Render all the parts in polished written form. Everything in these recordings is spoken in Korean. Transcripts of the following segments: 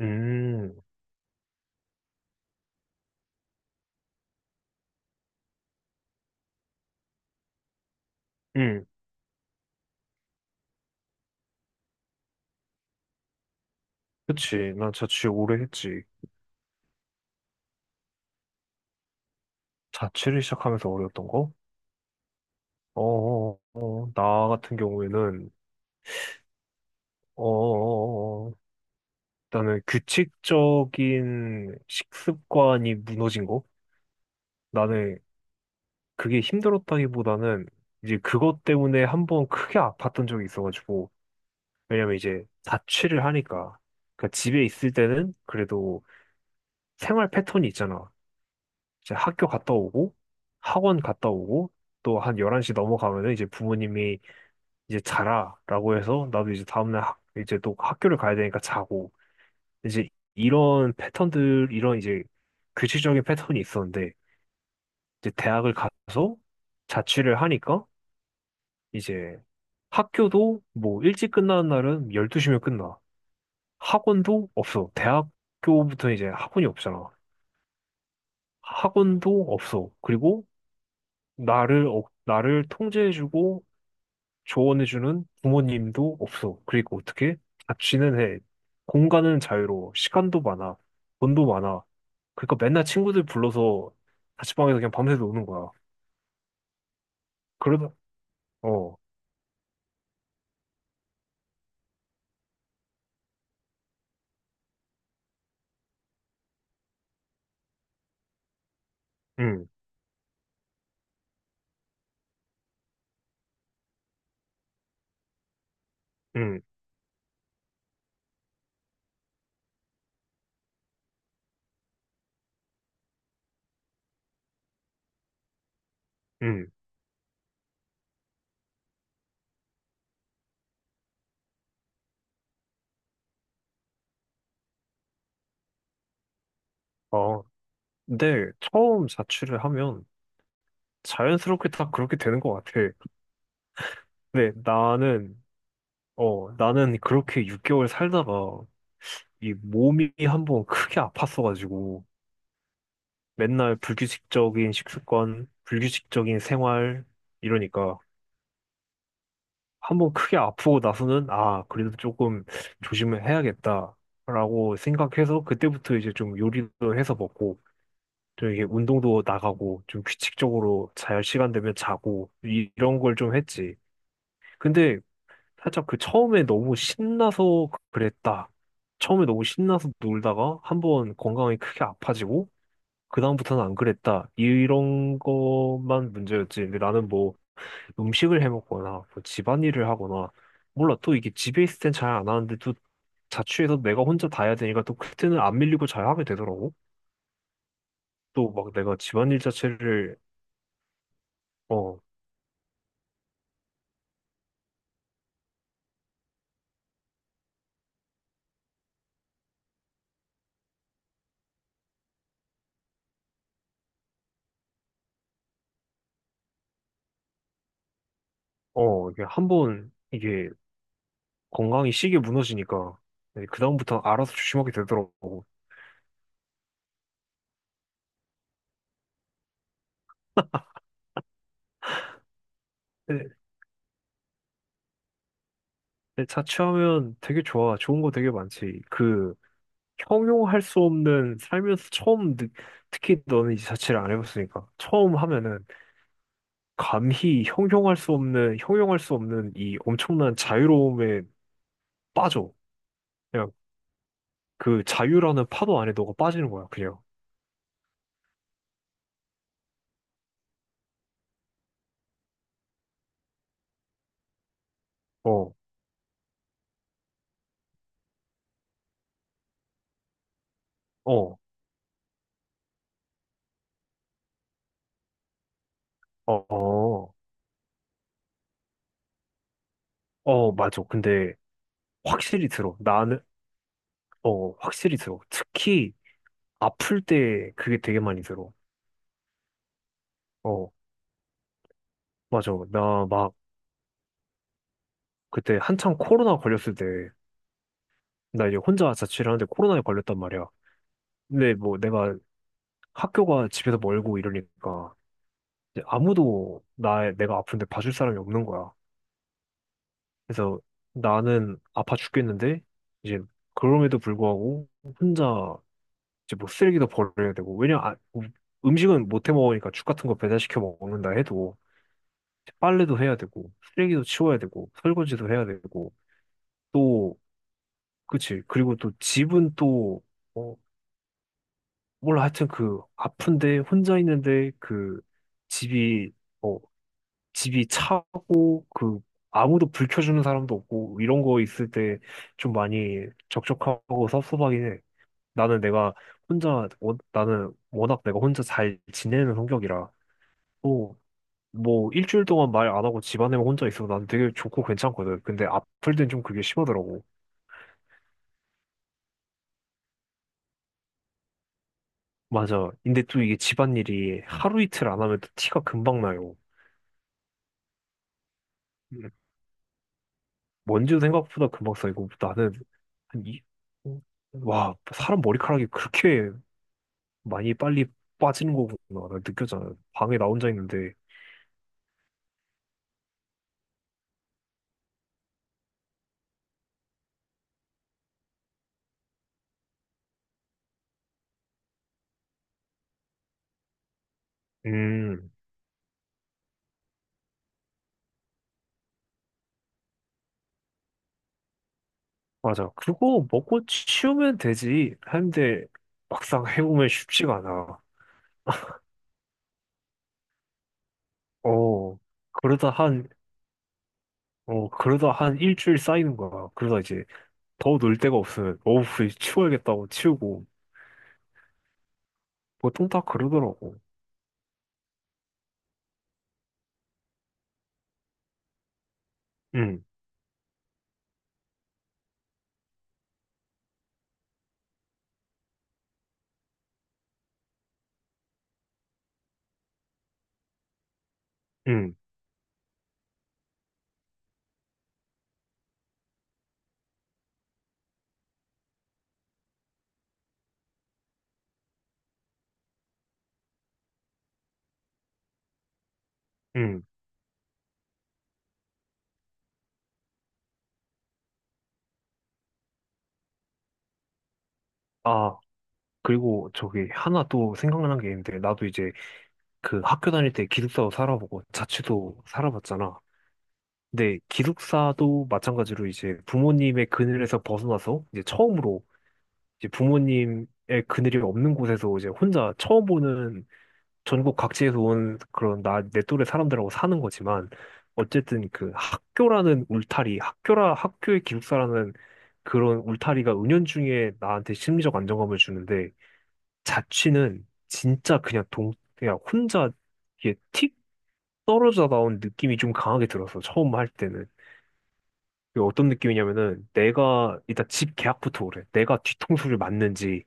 음. 음. 그치. 난 자취 오래 했지. 자취를 시작하면서 어려웠던 거? 어, 어, 어, 어. 나 같은 경우에는, 어, 어, 어, 어. 나는 규칙적인 식습관이 무너진 거? 나는 그게 힘들었다기보다는 이제 그것 때문에 한번 크게 아팠던 적이 있어가지고, 왜냐면 이제 자취를 하니까. 그러니까 집에 있을 때는 그래도 생활 패턴이 있잖아. 이제 학교 갔다 오고 학원 갔다 오고 또 한 11시 넘어가면은 이제 부모님이 이제 자라라고 해서 나도 이제 다음날 이제 또 학교를 가야 되니까 자고 이제 이런 패턴들 이런 이제 규칙적인 패턴이 있었는데 이제 대학을 가서 자취를 하니까 이제 학교도 뭐 일찍 끝나는 날은 12시면 끝나. 학원도 없어. 대학교부터 이제 학원이 없잖아. 학원도 없어. 그리고 나를 통제해주고 조언해주는 부모님도 없어. 그리고 어떻게? 자취는 해. 공간은 자유로워. 시간도 많아. 돈도 많아. 그러니까 맨날 친구들 불러서 자취방에서 그냥 밤새 노는 거야. 그러다, 어, 응, 응, 응. 어, 근데 처음 자취를 하면 자연스럽게 다 그렇게 되는 것 같아. 근데 나는 그렇게 6개월 살다가 이 몸이 한번 크게 아팠어가지고 맨날 불규칙적인 식습관, 불규칙적인 생활, 이러니까 한번 크게 아프고 나서는 아, 그래도 조금 조심을 해야겠다라고 생각해서 그때부터 이제 좀 요리도 해서 먹고 좀 이게 운동도 나가고 좀 규칙적으로 잘 시간 되면 자고 이런 걸 좀 했지. 근데 살짝 그 처음에 너무 신나서 그랬다. 처음에 너무 신나서 놀다가 한번 건강이 크게 아파지고 그다음부터는 안 그랬다. 이런 것만 문제였지. 근데 나는 뭐 음식을 해 먹거나 뭐 집안일을 하거나 몰라. 또 이게 집에 있을 땐 잘 안 하는데 또 자취해서 내가 혼자 다 해야 되니까 또 그때는 안 밀리고 잘 하게 되더라고. 또 막 내가 집안일 자체를 어, 이게 한번 이게 건강이 시계 무너지니까 네, 그다음부터 알아서 조심하게 되더라고. 근데 근데 자취하면 되게 좋아. 좋은 거 되게 많지. 그 형용할 수 없는 살면서 특히 너는 이 자취를 안 해봤으니까 처음 하면은 감히 형용할 수 없는 형용할 수 없는 이 엄청난 자유로움에 빠져 그냥 그 자유라는 파도 안에 너가 빠지는 거야 그냥. 어어어어어. 맞아. 근데 확실히 들어 나는. 확실히 들어 특히 아플 때 그게 되게 많이 들어. 어, 맞아. 나 막 그때 한창 코로나 걸렸을 때 나 이제 혼자 자취를 하는데 코로나에 걸렸단 말이야. 근데 뭐 내가 학교가 집에서 멀고 이러니까 이제 아무도 나 내가 아픈데 봐줄 사람이 없는 거야. 그래서 나는 아파 죽겠는데 이제 그럼에도 불구하고 혼자 이제 뭐 쓰레기도 버려야 되고 음식은 못 해 먹으니까 죽 같은 거 배달시켜 먹는다 해도 빨래도 해야 되고 쓰레기도 치워야 되고 설거지도 해야 되고 또 그치. 그리고 또 어, 몰라. 하여튼 그 아픈데 혼자 있는데 그 집이 어, 집이 차고 그 아무도 불 켜주는 사람도 없고 이런 거 있을 때 좀 많이 적적하고 섭섭하긴 해. 나는 나는 워낙 내가 혼자 잘 지내는 성격이라 또 뭐 일주일 동안 말 안 하고 집안에만 혼자 있어도 난 되게 좋고 괜찮거든. 근데 아플 땐 좀 그게 심하더라고. 맞아. 근데 또 이게 집안일이 하루 이틀 안 하면 또 티가 금방 나요. 음. 먼지도 생각보다 금방 쌓이고 나는 한 이, 와, 사람 머리카락이 그렇게 많이 빨리 빠지는 거구나. 나 느꼈잖아. 방에 나 혼자 있는데. 음, 맞아. 그거 먹고 치우면 되지. 했는데 막상 해보면 쉽지가 않아. 어, 그러다 한, 그러다 한 일주일 쌓이는 거야. 그러다 이제 더 놀 데가 없으면, 어우, 이거 치워야겠다고 치우고. 보통 다 그러더라고. 응, 응, 응. 아, 그리고 저기 하나 또 생각난 게 있는데, 나도 이제 그 학교 다닐 때 기숙사도 살아보고 자취도 살아봤잖아. 네, 기숙사도 마찬가지로 이제 부모님의 그늘에서 벗어나서 이제 처음으로 이제 부모님의 그늘이 없는 곳에서 이제 혼자 처음 보는 전국 각지에서 온 그런 내 또래 사람들하고 사는 거지만 어쨌든 그 학교라는 울타리, 학교의 기숙사라는 그런 울타리가 은연중에 나한테 심리적 안정감을 주는데 자취는 진짜 그냥 그냥 혼자 이게 틱 떨어져 나온 느낌이 좀 강하게 들었어, 처음 할 때는. 그게 어떤 느낌이냐면은 내가 일단 집 계약부터 그래. 내가 뒤통수를 맞는지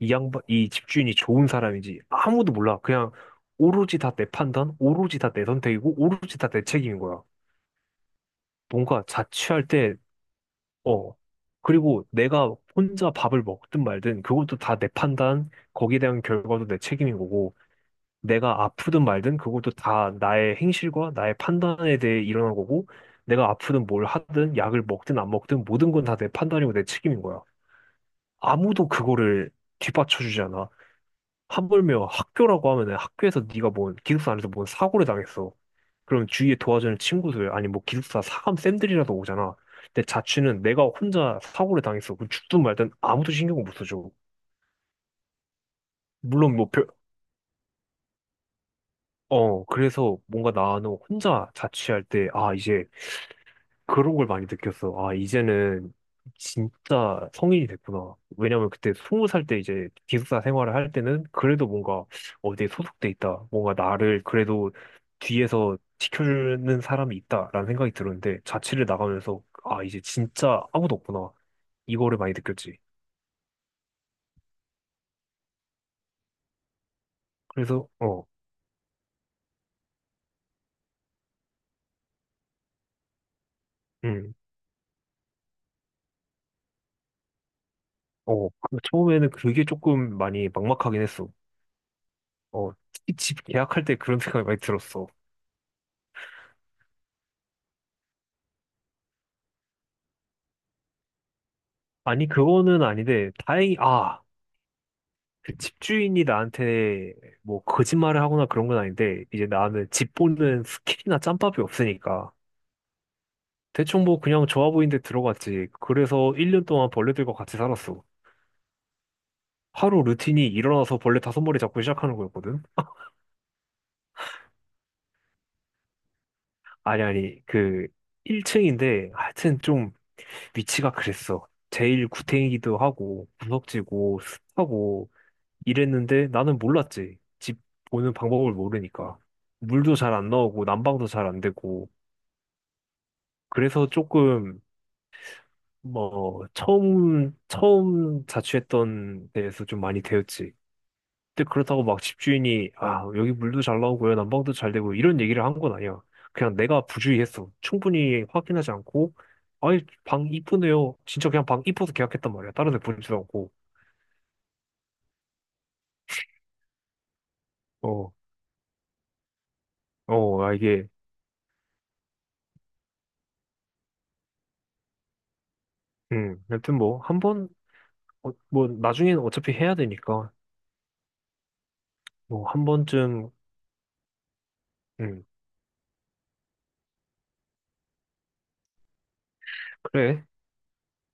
이 양반 이 집주인이 좋은 사람인지 아무도 몰라. 그냥 오로지 다 내 판단, 오로지 다 내 선택이고 오로지 다 내 책임인 거야. 뭔가 자취할 때 어. 그리고 내가 혼자 밥을 먹든 말든 그것도 다 내 판단, 거기에 대한 결과도 내 책임인 거고. 내가 아프든 말든 그것도 다 나의 행실과 나의 판단에 대해 일어난 거고 내가 아프든 뭘 하든 약을 먹든 안 먹든 모든 건 다 내 판단이고 내 책임인 거야. 아무도 그거를 뒷받쳐 주지 않아. 하물며 학교라고 하면은 학교에서 네가 뭔 기숙사 안에서 뭔 사고를 당했어. 그럼 주위에 도와주는 친구들 아니 뭐 기숙사 사감 쌤들이라도 오잖아. 내 자취는 내가 혼자 사고를 당했어. 그럼 죽든 말든 아무도 신경을 못 써줘. 물론 뭐 별, 어, 그래서 뭔가 나는 혼자 자취할 때, 아, 이제 그런 걸 많이 느꼈어. 아, 이제는 진짜 성인이 됐구나. 왜냐면 그때 20살 때 이제 기숙사 생활을 할 때는 그래도 뭔가 어디에 소속돼 있다. 뭔가 나를 그래도 뒤에서 지켜주는 사람이 있다라는 생각이 들었는데 자취를 나가면서 아, 이제 진짜 아무도 없구나. 이거를 많이 느꼈지. 그래서 음, 그 처음에는 그게 조금 많이 막막하긴 했어. 특히 집 계약할 때 그런 생각이 많이 들었어. 아니, 그거는 아닌데, 다행히, 아, 그 집주인이 나한테 뭐 거짓말을 하거나 그런 건 아닌데 이제 나는 집 보는 스킬이나 짬밥이 없으니까 대충 뭐 그냥 좋아 보이는데 들어갔지. 그래서 1년 동안 벌레들과 같이 살았어. 하루 루틴이 일어나서 벌레 다섯 마리 잡고 시작하는 거였거든. 아니, 아니, 그 1층인데 하여튼 좀 위치가 그랬어. 제일 구탱이기도 하고 구석지고 습하고 이랬는데 나는 몰랐지. 집 보는 방법을 모르니까. 물도 잘 안 나오고 난방도 잘 안 되고 그래서 조금 뭐 처음 자취했던 데에서 좀 많이 데였지. 근데 그렇다고 막 집주인이 아 여기 물도 잘 나오고요 난방도 잘 되고 이런 얘기를 한 건 아니야. 그냥 내가 부주의했어. 충분히 확인하지 않고 아이 방 이쁘네요. 진짜 그냥 방 이뻐서 계약했단 말이야. 다른 데 보지도 않고. 어, 이게 여튼 뭐 한 번 뭐 나중엔 어차피 해야 되니까 뭐 한 번쯤 음 그래.